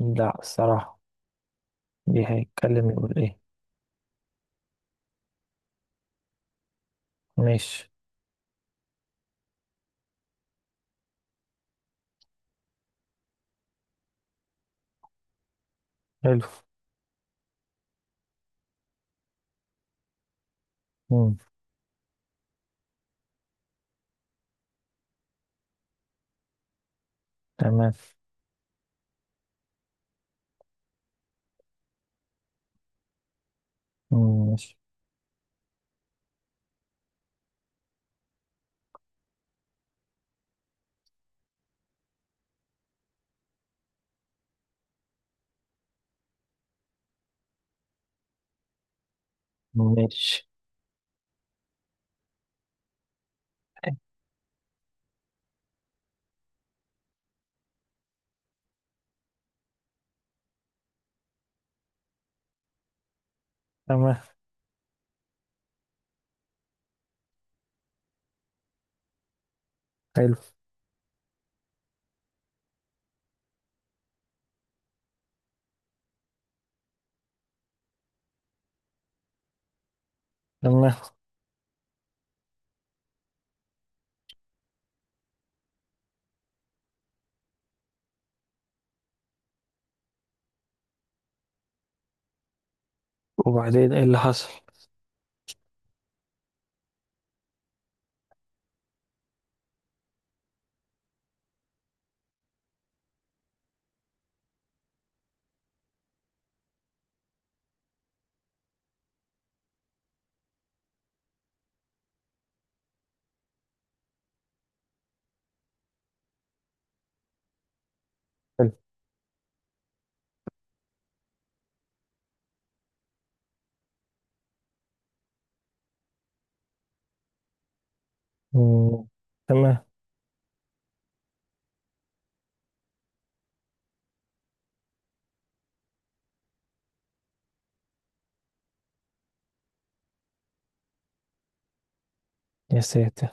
لا، الصراحة. دي هيتكلم يقول ايه؟ ماشي. حلو. مم. تمام. مم. ماشي. ماشي. تمام. حلو. تمام. وبعدين ايه اللي حصل؟ حلو. مم. تمام. يا ساتر.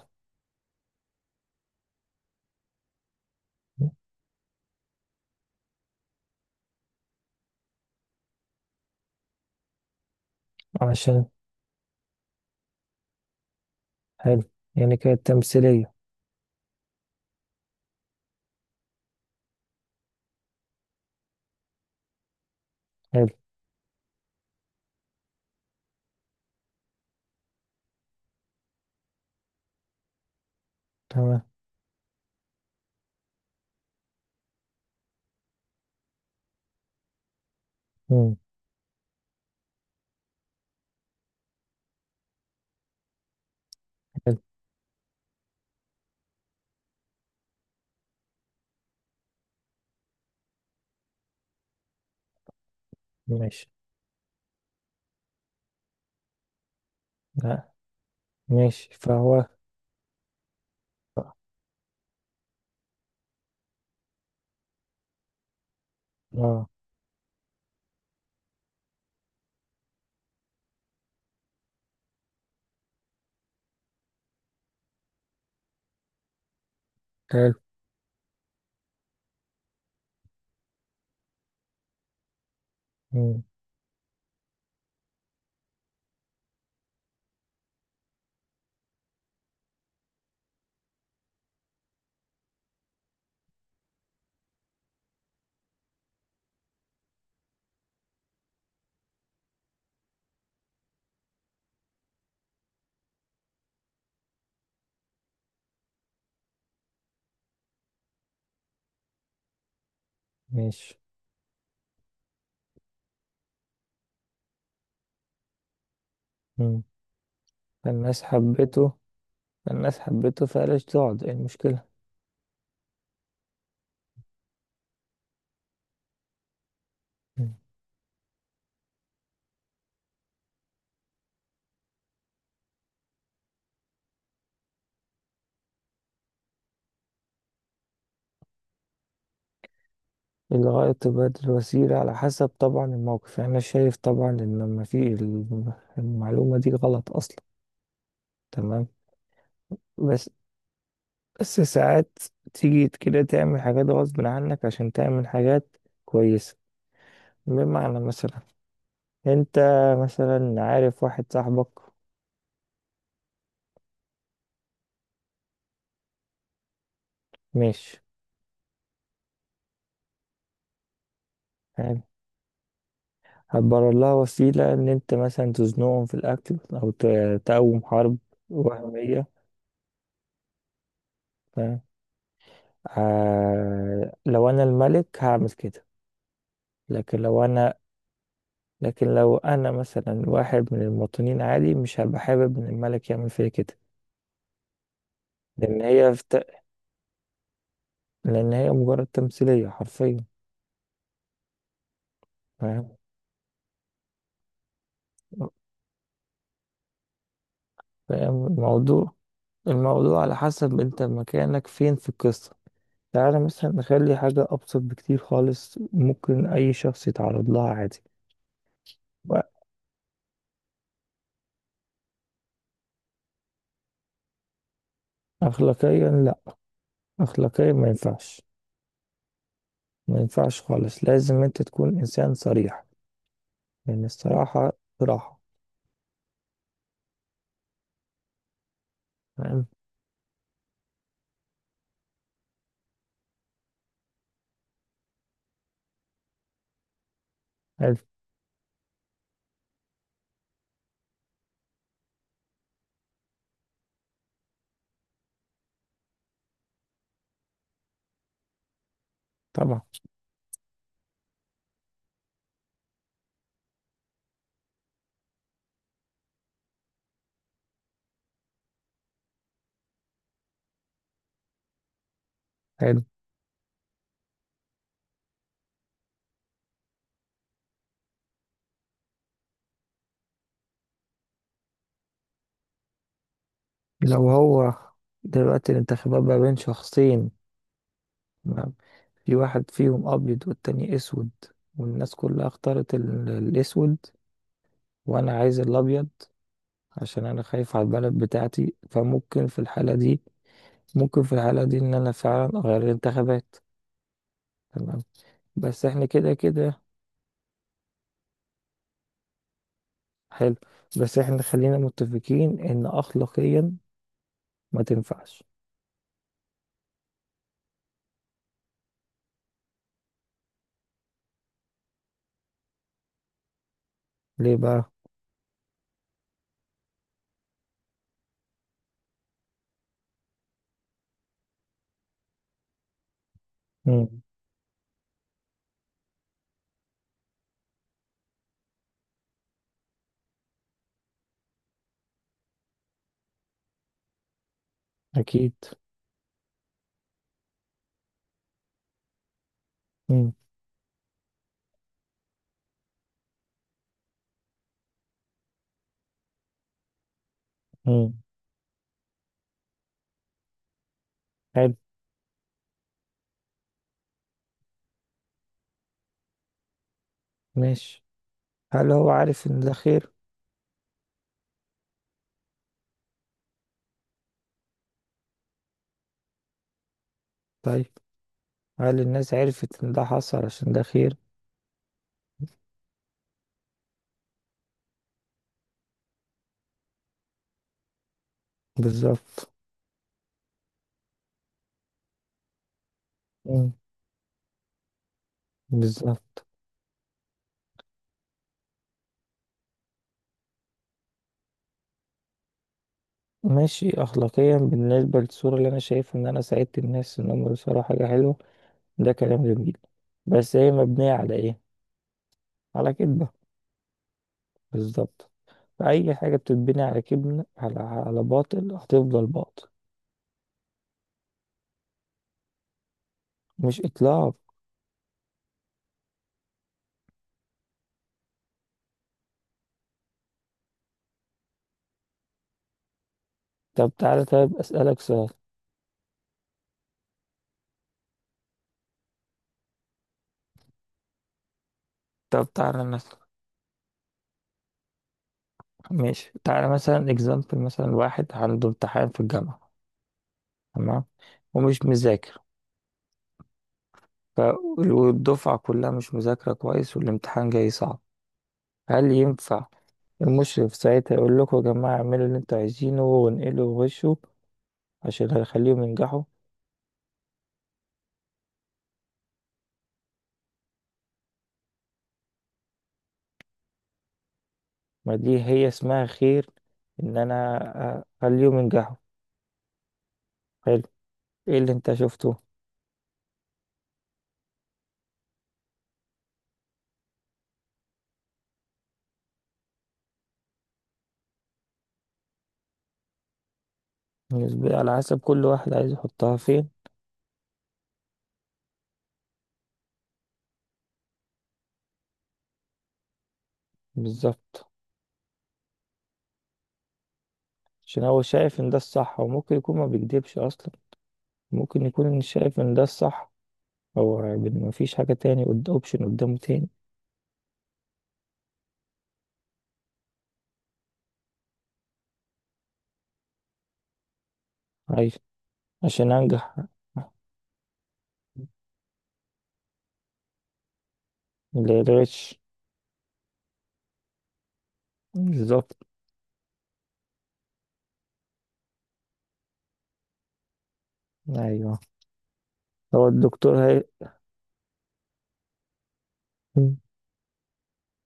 عشان. حلو. يعني كانت تمثيلية؟ حلو. تمام. مم. حلو. ماشي. لا. ماشي فهو. اه. حلو. مم. ماشي. مم. فالناس حبته فالناس حبته، فقالش تقعد ايه المشكلة؟ الغائط بدل وسيلة على حسب طبعا الموقف، يعني أنا شايف طبعا إن لما في المعلومة دي غلط أصلا. تمام. بس بس ساعات تيجي كده تعمل حاجات غصب عنك عشان تعمل حاجات كويسة. بمعنى مثلا أنت مثلا عارف واحد صاحبك. ماشي. يعني هتبرر لها وسيلة إن أنت مثلا تزنقهم في الأكل أو تقوم حرب وهمية. فاهم؟ آه، لو أنا الملك هعمل كده. لكن لو انا لكن لو انا مثلا واحد من المواطنين عادي، مش هبقى حابب ان الملك يعمل فيا كده. لان هي فت... لان هي مجرد تمثيلية حرفيا. فاهم. فاهم الموضوع. الموضوع على حسب انت مكانك فين في القصة. تعالى مثلا نخلي حاجة أبسط بكتير خالص ممكن أي شخص يتعرض لها عادي. أخلاقيا لأ. أخلاقيا ما ينفعش. ما ينفعش خالص. لازم أنت تكون إنسان صريح، لأن الصراحة صراحة. تمام. حلو. طبعا. حلو. لو هو، دلوقتي الانتخابات ما بين شخصين. ما- في واحد فيهم أبيض والتاني أسود، والناس كلها اختارت الأسود، وأنا عايز الأبيض عشان أنا خايف على البلد بتاعتي. فممكن في الحالة دي إن أنا فعلا أغير الانتخابات. تمام. بس إحنا كده كده. حلو. بس إحنا خلينا متفقين إن أخلاقيا ما تنفعش. ليه بقى؟ مم. أكيد. مم. مم. حلو. ماشي. هل هو عارف إن ده خير؟ طيب. هل الناس عرفت ان ده حصل عشان ده خير؟ بالظبط. مم. بالظبط. ماشي، اخلاقيا بالنسبه للصوره اللي انا شايف ان انا ساعدت الناس ان هم يوصلوا حاجه حلوه، ده كلام جميل. بس هي مبنيه على ايه؟ على كذبه. بالظبط. اي حاجه بتتبني على كذب، على باطل، هتفضل باطل. مش اطلاق. طب تعالى، طيب اسالك سؤال. طب تعالى مثلا. ماشي تعالى مثلا اكزامبل، مثلا واحد عنده امتحان في الجامعه. تمام. ومش مذاكر. ف- والدفعة كلها مش مذاكرة كويس والامتحان جاي صعب. هل ينفع المشرف ساعتها يقول لكم يا جماعة اعملوا اللي انتوا عايزينه وانقلوا وغشوا، عشان هيخليهم ينجحوا؟ ما دي هي اسمها خير، ان انا اخليهم ينجحوا. حلو. ايه اللي انت شفته؟ بالنسبة على حسب كل واحد عايز يحطها فين. بالظبط، عشان هو شايف ان ده الصح. وممكن يكون ما بيكدبش اصلا، ممكن يكون إن شايف ان ده الصح. هو ما فيش حاجة تاني، قد اوبشن قدامه تاني. عايز عشان انجح. للغش. بالظبط. أيوه. هو الدكتور مم.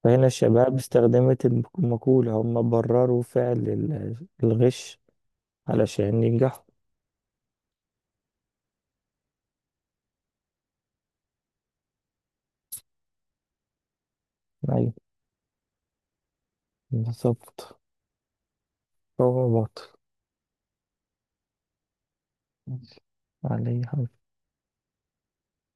فهنا الشباب استخدمت المقولة، هم برروا فعل الغش علشان ينجحوا. أيوه. بالظبط. هو باطل. عليه.